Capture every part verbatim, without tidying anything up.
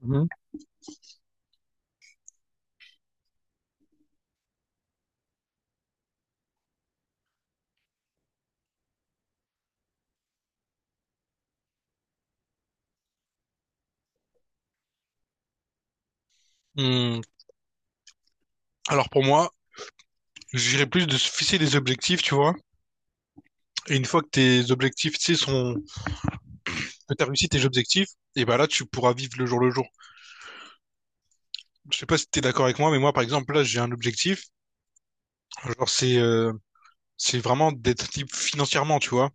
Mhm. Hmm, Alors pour moi, j'irais plus de se fixer des objectifs, tu vois. Et une fois que tes objectifs, tu sais, sont... que t'as réussi tes objectifs, et ben là, tu pourras vivre le jour le jour. Je sais pas si t'es d'accord avec moi, mais moi, par exemple, là, j'ai un objectif. Genre, c'est euh, c'est vraiment d'être libre financièrement, tu vois.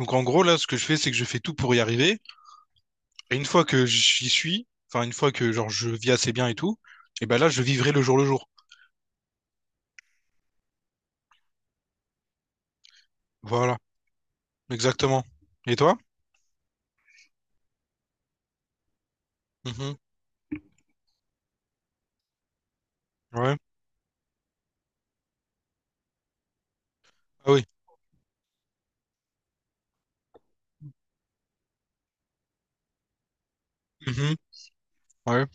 Donc en gros, là, ce que je fais, c'est que je fais tout pour y arriver. Et une fois que j'y suis, enfin, une fois que, genre, je vis assez bien et tout, et ben là, je vivrai le jour le jour. Voilà, exactement. Et toi? Mhm. Ouais. Ah oui. Mhm. Ouais.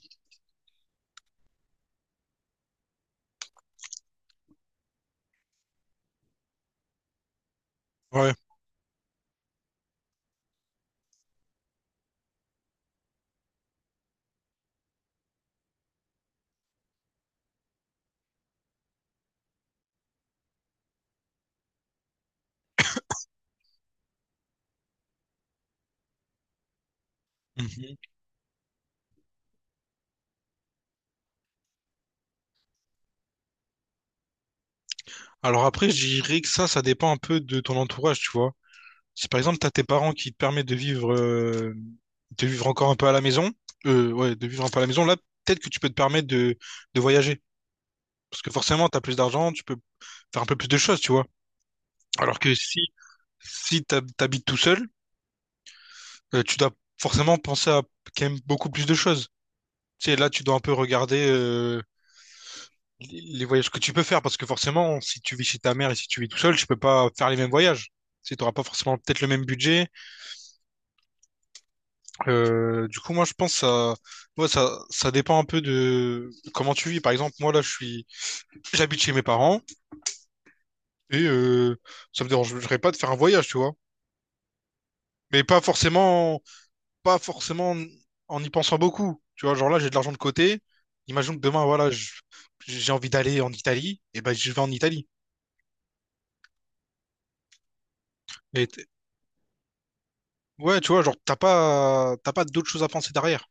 Ouais. Mhm. Alors après, je dirais que ça, ça dépend un peu de ton entourage, tu vois. Si par exemple, t'as tes parents qui te permettent de vivre, euh, de vivre encore un peu à la maison, euh, ouais, de vivre un peu à la maison, là, peut-être que tu peux te permettre de, de voyager. Parce que forcément, t'as plus d'argent, tu peux faire un peu plus de choses, tu vois. Alors que si, si t'hab- t'habites tout seul, euh, tu dois forcément penser à quand même beaucoup plus de choses. Tu sais, là, tu dois un peu regarder, euh, les les voyages que tu peux faire. Parce que forcément, si tu vis chez ta mère et si tu vis tout seul, tu peux pas faire les mêmes voyages. Tu sais, t'auras pas forcément peut-être le même budget. Euh, du coup, moi, je pense ça, moi, ça, ça dépend un peu de comment tu vis. Par exemple, moi, là, je suis, j'habite chez mes parents et euh, ça me dérangerait pas de faire un voyage, tu vois. Mais pas forcément, pas forcément en en y pensant beaucoup. Tu vois, genre là, j'ai de l'argent de côté. Imagine que demain, voilà, je- j'ai envie d'aller en Italie, et ben, je vais en Italie. Et t- ouais, tu vois, genre, t'as pas, t'as pas d'autres choses à penser derrière.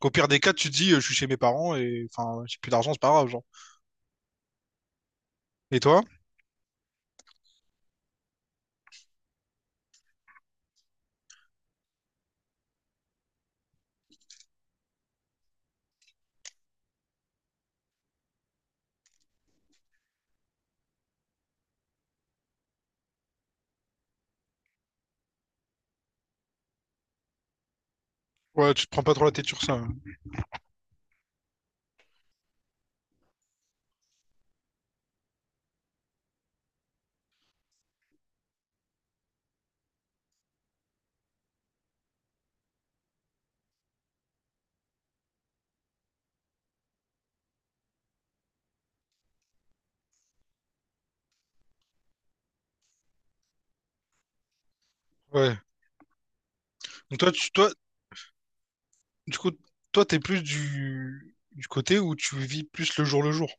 Au pire des cas, tu te dis, euh, je suis chez mes parents et enfin, j'ai plus d'argent, c'est pas grave, genre. Et toi? Ouais, tu te prends pas trop la tête sur ça. Ouais. Donc toi, tu, toi, du coup, toi, t'es plus du, du côté où tu vis plus le jour le jour.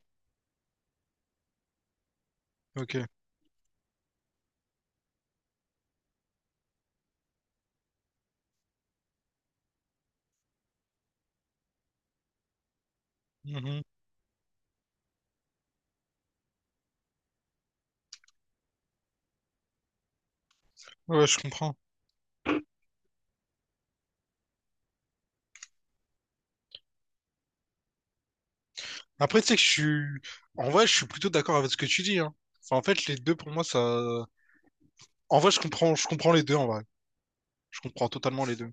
Ok. Mhm. Ouais, je comprends. Après, tu sais que je suis, en vrai, je suis plutôt d'accord avec ce que tu dis, hein. Enfin, en fait, les deux, pour moi, ça, en vrai, je comprends, je comprends les deux, en vrai. Je comprends totalement les deux.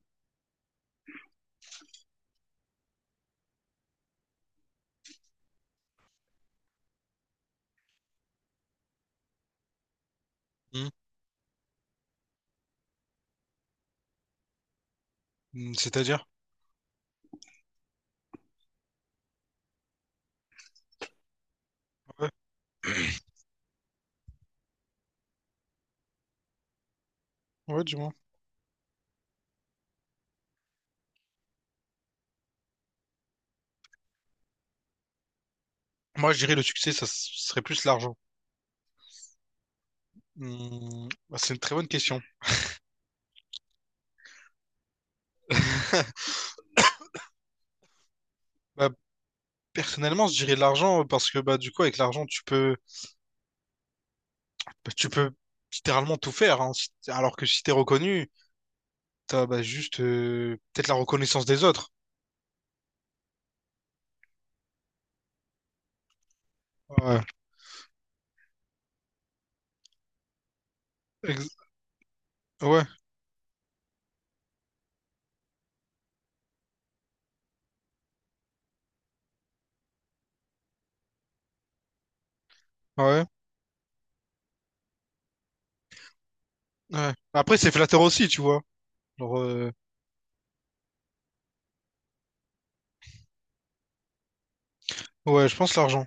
Mhm. Mm, C'est-à-dire? Ouais. Ouais, dis-moi. Moi, je dirais le succès, ça s- serait plus l'argent. Mm, bah, c'est une très bonne question. Bah, personnellement, je dirais l'argent parce que, bah, du coup, avec l'argent, tu peux bah, tu peux littéralement tout faire, hein. Si- Alors que si t'es reconnu, t'as bah, juste euh, peut-être la reconnaissance des autres. Ouais, Ex- ouais, ouais, ouais. Après, c'est flatteur aussi, tu vois. Genre, euh, ouais, je pense l'argent.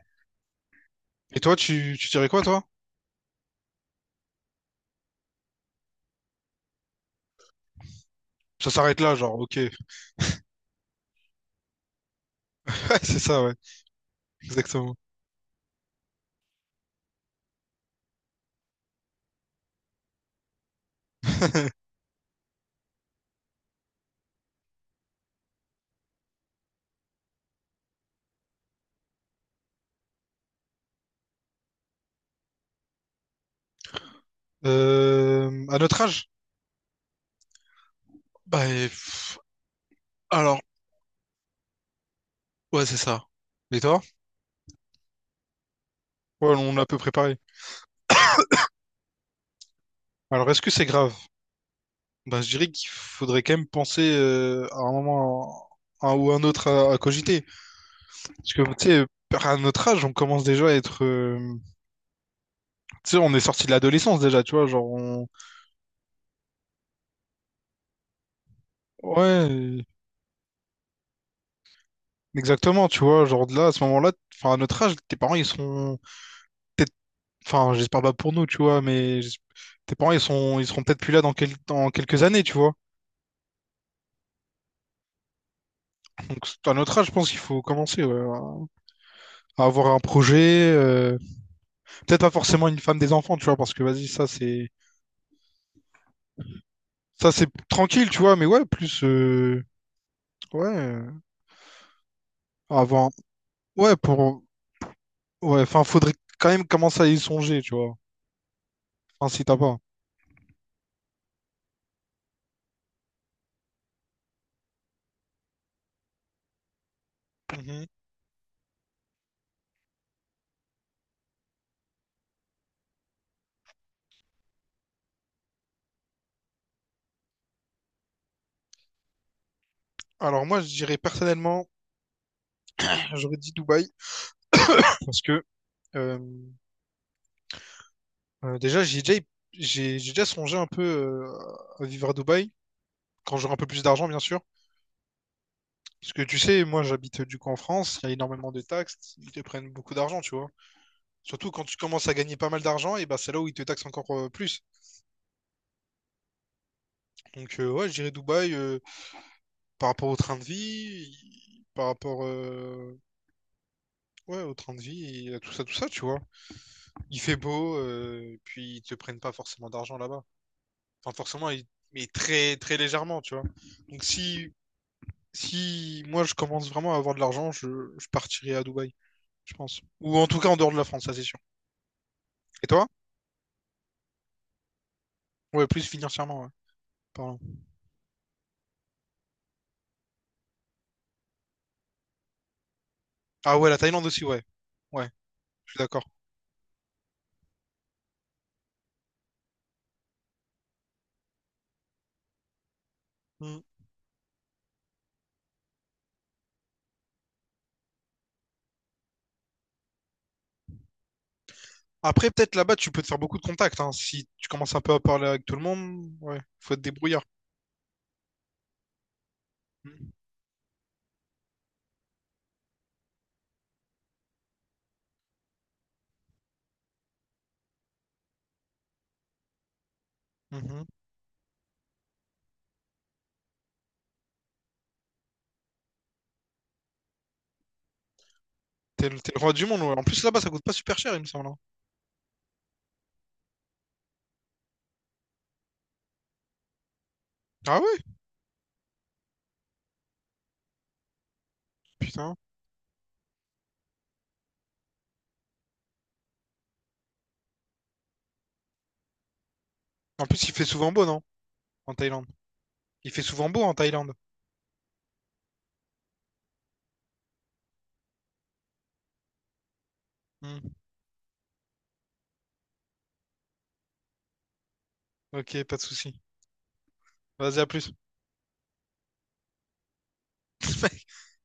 Et toi, tu, tu dirais quoi, toi? Ça s'arrête là, genre, ok. Ouais, c'est ça, ouais, exactement. Euh, à notre âge? Bah, et pff, alors, ouais, c'est ça. Et toi? Ouais, on a à peu préparé Alors, est-ce que c'est grave? Bah, je dirais qu'il faudrait quand même penser euh, à un moment un un ou un autre à, à cogiter. Parce que, tu sais, à notre âge, on commence déjà à être... euh, tu sais, on est sorti de l'adolescence déjà, tu vois, genre on... Ouais, exactement, tu vois, genre de là, à ce moment-là, enfin, à notre âge, tes parents, ils sont peut-être... Enfin, j'espère pas pour nous, tu vois, mais j'es- tes parents, ils sont... ils seront peut-être plus là dans, quel- dans quelques années, tu vois. Donc, à notre âge, je pense qu'il faut commencer, ouais, à à avoir un projet, euh, peut-être pas forcément une femme des enfants, tu vois, parce que, vas-y, ça, c'est... Ça, c'est tranquille, tu vois, mais ouais, plus. euh, Ouais, euh, avant. Ouais, pour. Ouais, enfin, faudrait quand même commencer à y songer, tu vois. Enfin, si t'as pas. Mhm. Alors, moi, je dirais personnellement, j'aurais dit Dubaï, parce que euh, euh, déjà, j'ai déjà, j'ai j'ai déjà songé un peu euh, à vivre à Dubaï, quand j'aurai un peu plus d'argent, bien sûr. Parce que tu sais, moi, j'habite euh, du coup en France, il y a énormément de taxes, ils te prennent beaucoup d'argent, tu vois. Surtout quand tu commences à gagner pas mal d'argent, et ben c'est là où ils te taxent encore euh, plus. Donc euh, ouais, je dirais Dubaï euh, par rapport au train de vie, par rapport euh, ouais, au train de vie et à tout ça, tout ça, tu vois. Il fait beau, euh, et puis ils te prennent pas forcément d'argent là-bas. Enfin forcément, ils- mais très très légèrement, tu vois. Donc si si moi je commence vraiment à avoir de l'argent, je, je partirai à Dubaï, je pense. Ou en tout cas en dehors de la France, ça c'est sûr. Et toi? Ouais, plus financièrement, ouais. Pardon. Ah ouais, la Thaïlande aussi, ouais. Ouais, je suis d'accord. Hmm. Après, peut-être là-bas, tu peux te faire beaucoup de contacts, hein. Si tu commences un peu à parler avec tout le monde, ouais, faut être débrouillard. Mhm. Mhm. T'es le, t'es le roi du monde, ouais. En plus, là-bas, ça coûte pas super cher, il me semble, hein. Ah ouais? Putain. En plus, il fait souvent beau, non? En Thaïlande. Il fait souvent beau en Thaïlande. Hmm. Ok, pas de souci. Vas-y, à plus.